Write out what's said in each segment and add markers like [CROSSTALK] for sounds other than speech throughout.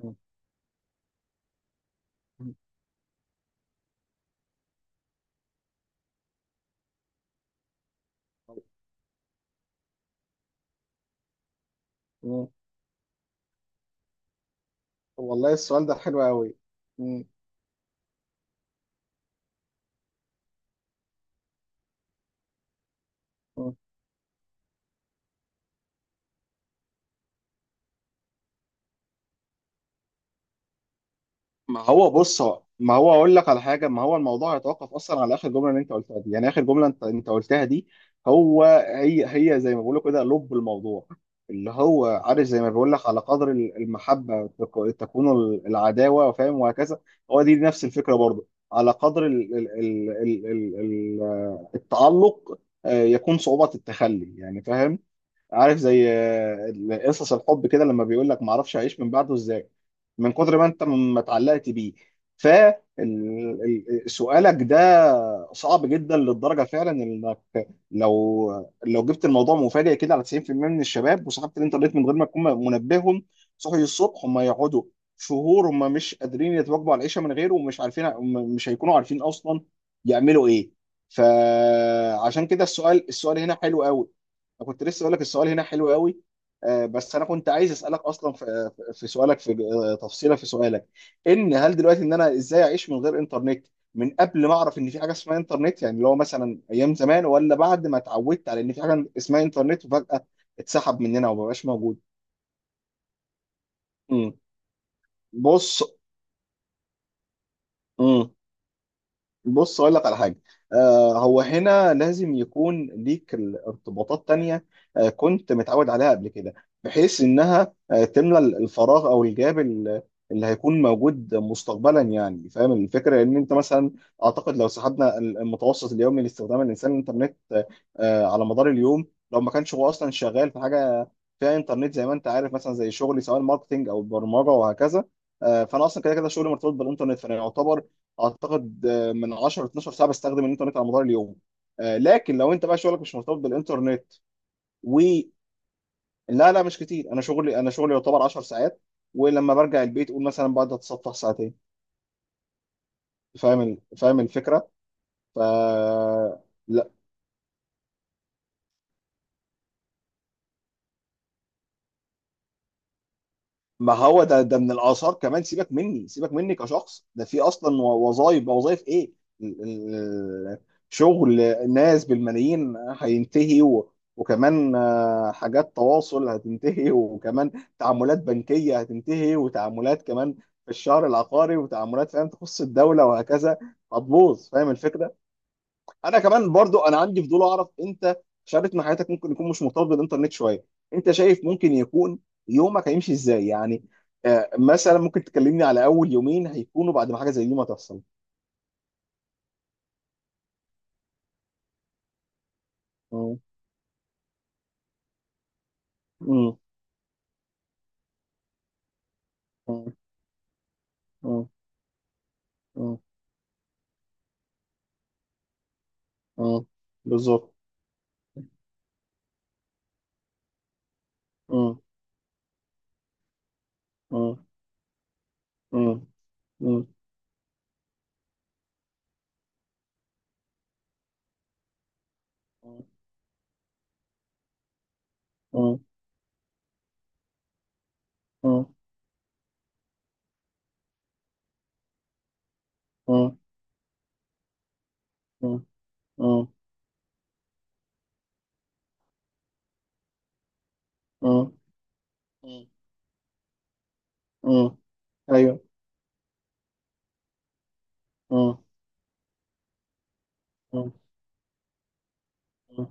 مم. مم. والله السؤال ده حلو قوي. مم. مم. ما هو بص، هو ما هو اقول لك على حاجه، ما هو الموضوع هيتوقف اصلا على اخر جمله اللي انت قلتها دي. يعني اخر جمله انت قلتها دي هو هي. هي زي ما بقول كده لب الموضوع اللي هو، عارف، زي ما بقول لك على قدر ال- المحبه تك- تكون ال- العداوه، فاهم، وهكذا. هو دي نفس الفكره برضه على قدر ال التعلق، يكون صعوبه التخلي يعني، فاهم. عارف زي قصص الحب كده لما بيقول لك ما اعرفش اعيش من بعده ازاي، من كتر ما انت ما اتعلقت بيه. فسؤالك ده صعب جدا للدرجه، فعلا، انك لو لو جبت الموضوع مفاجئ كده على 90% من الشباب وسحبت الانترنت من غير ما تكون منبههم، صحي الصبح هم يقعدوا شهور هم مش قادرين يتواجبوا على العيشه من غيره، ومش عارفين، هم مش هيكونوا عارفين اصلا يعملوا ايه. فعشان كده السؤال هنا حلو قوي. وكنت لسه اقول لك السؤال هنا حلو قوي. بس انا كنت عايز اسالك اصلا في سؤالك في تفصيله في سؤالك. ان هل دلوقتي ان انا ازاي اعيش من غير انترنت، من قبل ما اعرف ان في حاجه اسمها انترنت يعني اللي هو مثلا ايام زمان، ولا بعد ما اتعودت على ان في حاجه اسمها انترنت وفجاه اتسحب مننا ومبقاش موجود؟ مم. بص. مم. بص اقول لك على حاجه. آه، هو هنا لازم يكون ليك ارتباطات تانية آه كنت متعود عليها قبل كده، بحيث انها تملى الفراغ او الجاب ال- اللي هيكون موجود مستقبلا. يعني فاهم الفكره، ان انت مثلا، اعتقد لو سحبنا المتوسط اليومي لاستخدام الانسان الانترنت على مدار اليوم، لو ما كانش هو اصلا شغال في حاجه فيها انترنت زي ما انت عارف، مثلا زي شغلي سواء ماركتنج او برمجه وهكذا. فانا اصلا كده كده شغلي مرتبط بالانترنت، فانا يعتبر، اعتقد، من 10 ل 12 ساعه بستخدم الانترنت على مدار اليوم. لكن لو انت بقى شغلك مش مرتبط بالانترنت و، لا لا، مش كتير، انا شغلي، انا شغلي يعتبر 10 ساعات، ولما برجع البيت قول مثلا بقعد اتسطح ساعتين. فاهم ال- فاهم الفكره. ف، ما هو ده ده من الاثار كمان. سيبك مني، سيبك مني كشخص، ده في اصلا وظائف، وظائف ايه، ال- ال- شغل ناس بالملايين هينتهي و- وكمان حاجات تواصل هتنتهي [LAUGHS] وكمان تعاملات بنكية هتنتهي، وتعاملات كمان في الشهر العقاري، وتعاملات فاهم تخص الدولة وهكذا، هتبوظ. فاهم الفكرة. انا كمان برضو انا عندي فضول اعرف، انت في شريط من حياتك ممكن يكون مش مرتبط بالانترنت شويه، انت شايف ممكن يكون يومك هيمشي ازاي يعني؟ مثلا ممكن تكلمني على اول يومين هيكونوا بعد ما حاجه زي دي ما تحصل. مم. مم. مم. مم. مم. مم. بالظبط. مم. مم. مم. مم. مم. مم. مم. مم. مم. مم. مم. ايوه. مم. مم. مم.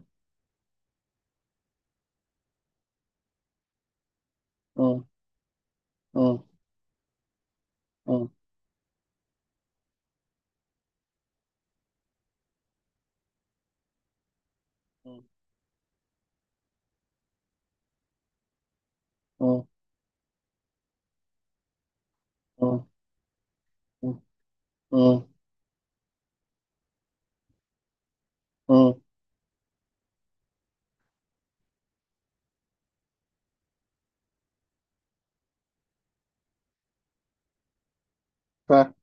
مم. مم. مم. مم. مم. مم. مم. ف اه.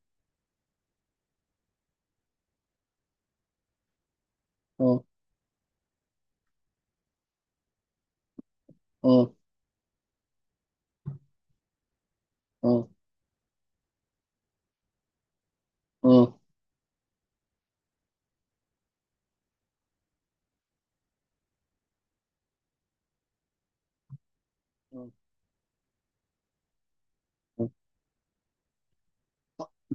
اه. اه. اه. آه. آه.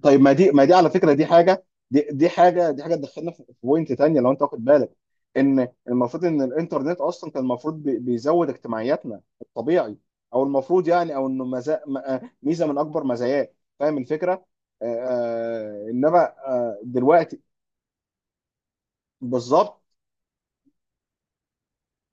طيب، ما دي، ما دي على فكره دي حاجه، دي دي حاجه، دي حاجه تدخلنا في في بوينت تانية، لو انت واخد بالك، ان المفروض ان الانترنت اصلا كان المفروض بي- بيزود اجتماعياتنا الطبيعي، او المفروض يعني او انه مزا... م- ميزه من اكبر مزاياه. فاهم الفكره؟ آه انما، آه دلوقتي، بالظبط.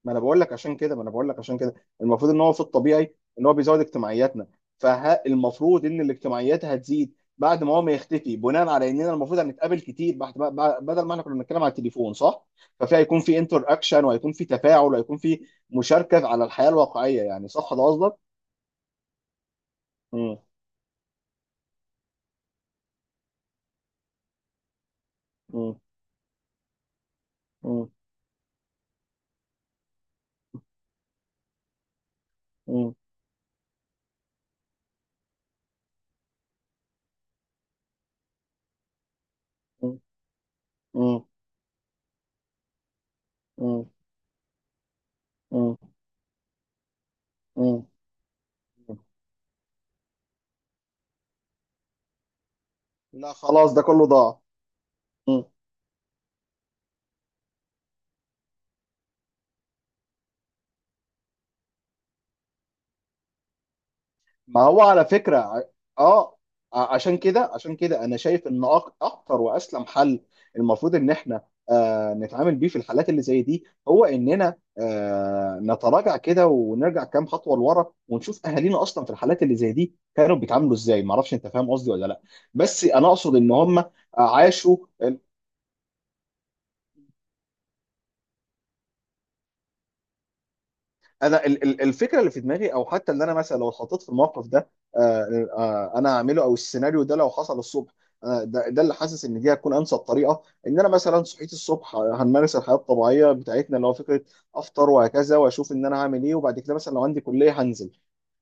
ما انا بقول لك عشان كده، ما انا بقول لك عشان كده المفروض ان هو في الطبيعي ان هو بيزود اجتماعياتنا. فالمفروض ان الاجتماعيات هتزيد بعد ما هو ما يختفي، بناء على اننا المفروض هنتقابل كتير بعد ما- بعد- بدل ما احنا كنا بنتكلم على التليفون، صح؟ ففي هيكون في انتر اكشن، وهيكون في تفاعل، وهيكون في مشاركه على الحياه الواقعيه يعني، صح ده قصدك؟ مم. مم. مم. مم. مم. مم. مم. مم. لا، خلاص، ده كله ضاع. مم. ما هو على فكرة ع-، اه، ع- عشان كده، عشان كده انا شايف ان أك- اكتر واسلم حل المفروض ان احنا نتعامل بيه في الحالات اللي زي دي، هو اننا نتراجع كده ونرجع كام خطوة لورا، ونشوف اهالينا اصلا في الحالات اللي زي دي كانوا بيتعاملوا ازاي. ما اعرفش انت فاهم قصدي ولا لا؟ بس انا اقصد ان هم عاشوا. انا ال- ال- الفكره اللي في دماغي، او حتى اللي انا مثلا لو اتحطيت في الموقف ده انا هعمله، او السيناريو ده لو حصل الصبح، ده ده اللي حاسس ان دي هتكون انسب طريقه. ان انا مثلا صحيت الصبح، هنمارس الحياه الطبيعيه بتاعتنا، اللي هو فكره افطر وهكذا، واشوف ان انا هعمل ايه، وبعد كده مثلا لو عندي كليه هنزل.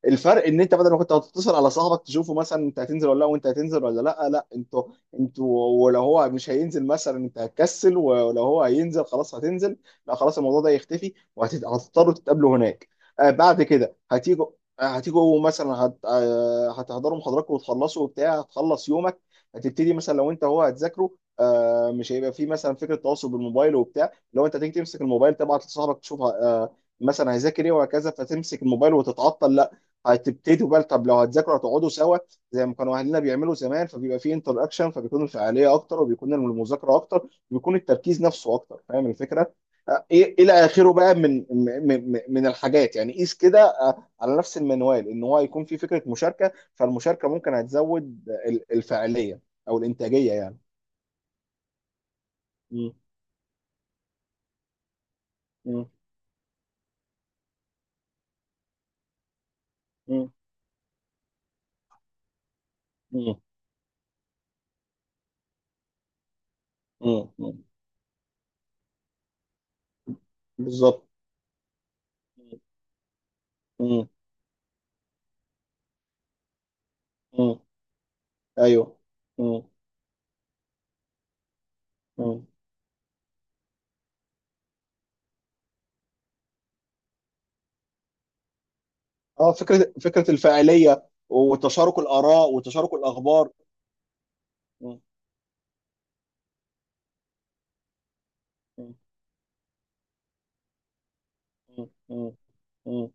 الفرق ان انت بدل ما كنت هتتصل على صاحبك تشوفه، مثلا انت هتنزل ولا لا وانت هتنزل ولا لا، لا انتوا، انتوا ولو هو مش هينزل مثلا انت هتكسل، ولو هو هينزل خلاص هتنزل. لا خلاص الموضوع ده يختفي، وهتضطروا تتقابلوا هناك. آه بعد كده هتيجوا، هتيجوا مثلا هت... هتحضروا محاضراتكم وتخلصوا وبتاع، هتخلص يومك، هتبتدي مثلا لو انت هو هتذاكره. مش هيبقى في مثلا فكره تواصل بالموبايل وبتاع، لو انت تيجي تمسك الموبايل تبعت لصاحبك تشوف مثلا هيذاكر ايه وهكذا، فتمسك الموبايل وتتعطل. هتبتدوا بقى، طب لو هتذاكروا هتقعدوا سوا زي ما كانوا اهلنا بيعملوا زمان، فبيبقى في انتر اكشن، فبيكون الفعاليه اكتر، وبيكون المذاكره اكتر، وبيكون التركيز نفسه اكتر. فاهم الفكره؟ ايه الى اخره بقى من من من من الحاجات يعني. قيس كده على نفس المنوال ان هو هيكون في فكره مشاركه، فالمشاركه ممكن هتزود ال- الفعاليه او الانتاجيه يعني. مم. مم. مم. مم. مم. مم. بالظبط. مم. مم. ايوه. مم. مم. اه، فكره، فكره الفاعليه وتشارك الاراء وتشارك الاخبار. م- م- م- م- م-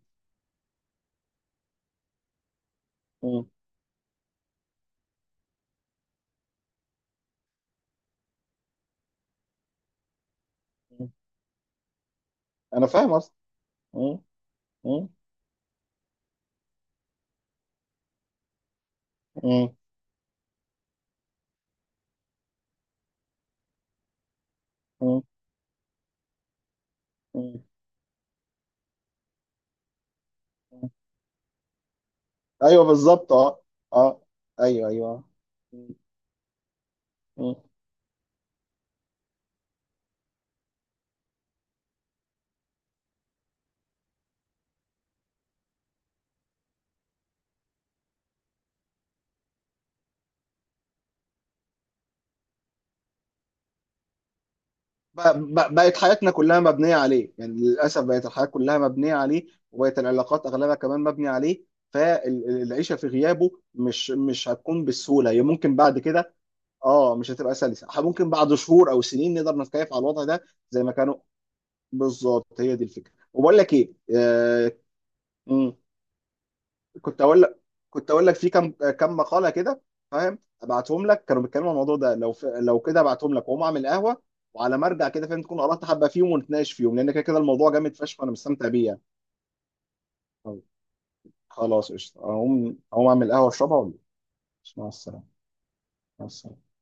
م- م. انا فاهم اصلا. م- م- م- م- م. ايوه بالظبط. اه. اه ايوه ايوه. م- م. ب- ب- بقت حياتنا كلها مبنيه عليه، يعني للاسف بقت الحياه كلها مبنيه عليه، وبقت العلاقات اغلبها كمان مبنيه عليه. فالعيشه في غيابه مش مش هتكون بالسهوله، هي ممكن بعد كده، اه مش هتبقى سلسه. ح- ممكن بعد شهور او سنين نقدر نتكيف على الوضع ده زي ما كانوا. بالظبط هي دي الفكره. وبقول لك ايه آه، مم، كنت اقول لك، كنت اقول لك في كم كم مقاله كده، فاهم، ابعتهم لك كانوا بيتكلموا عن الموضوع ده، لو ف... لو كده ابعتهم لك واقوم اعمل قهوه، وعلى ما ارجع كده فاهم تكون قرات حبه فيهم ونتناقش فيهم، لان كده كده الموضوع جامد فشخ وانا مستمتع بيه يعني. طيب، خلاص قشطه، اقوم، اقوم اعمل قهوه اشربها ولا؟ مع السلامه. مع السلامه.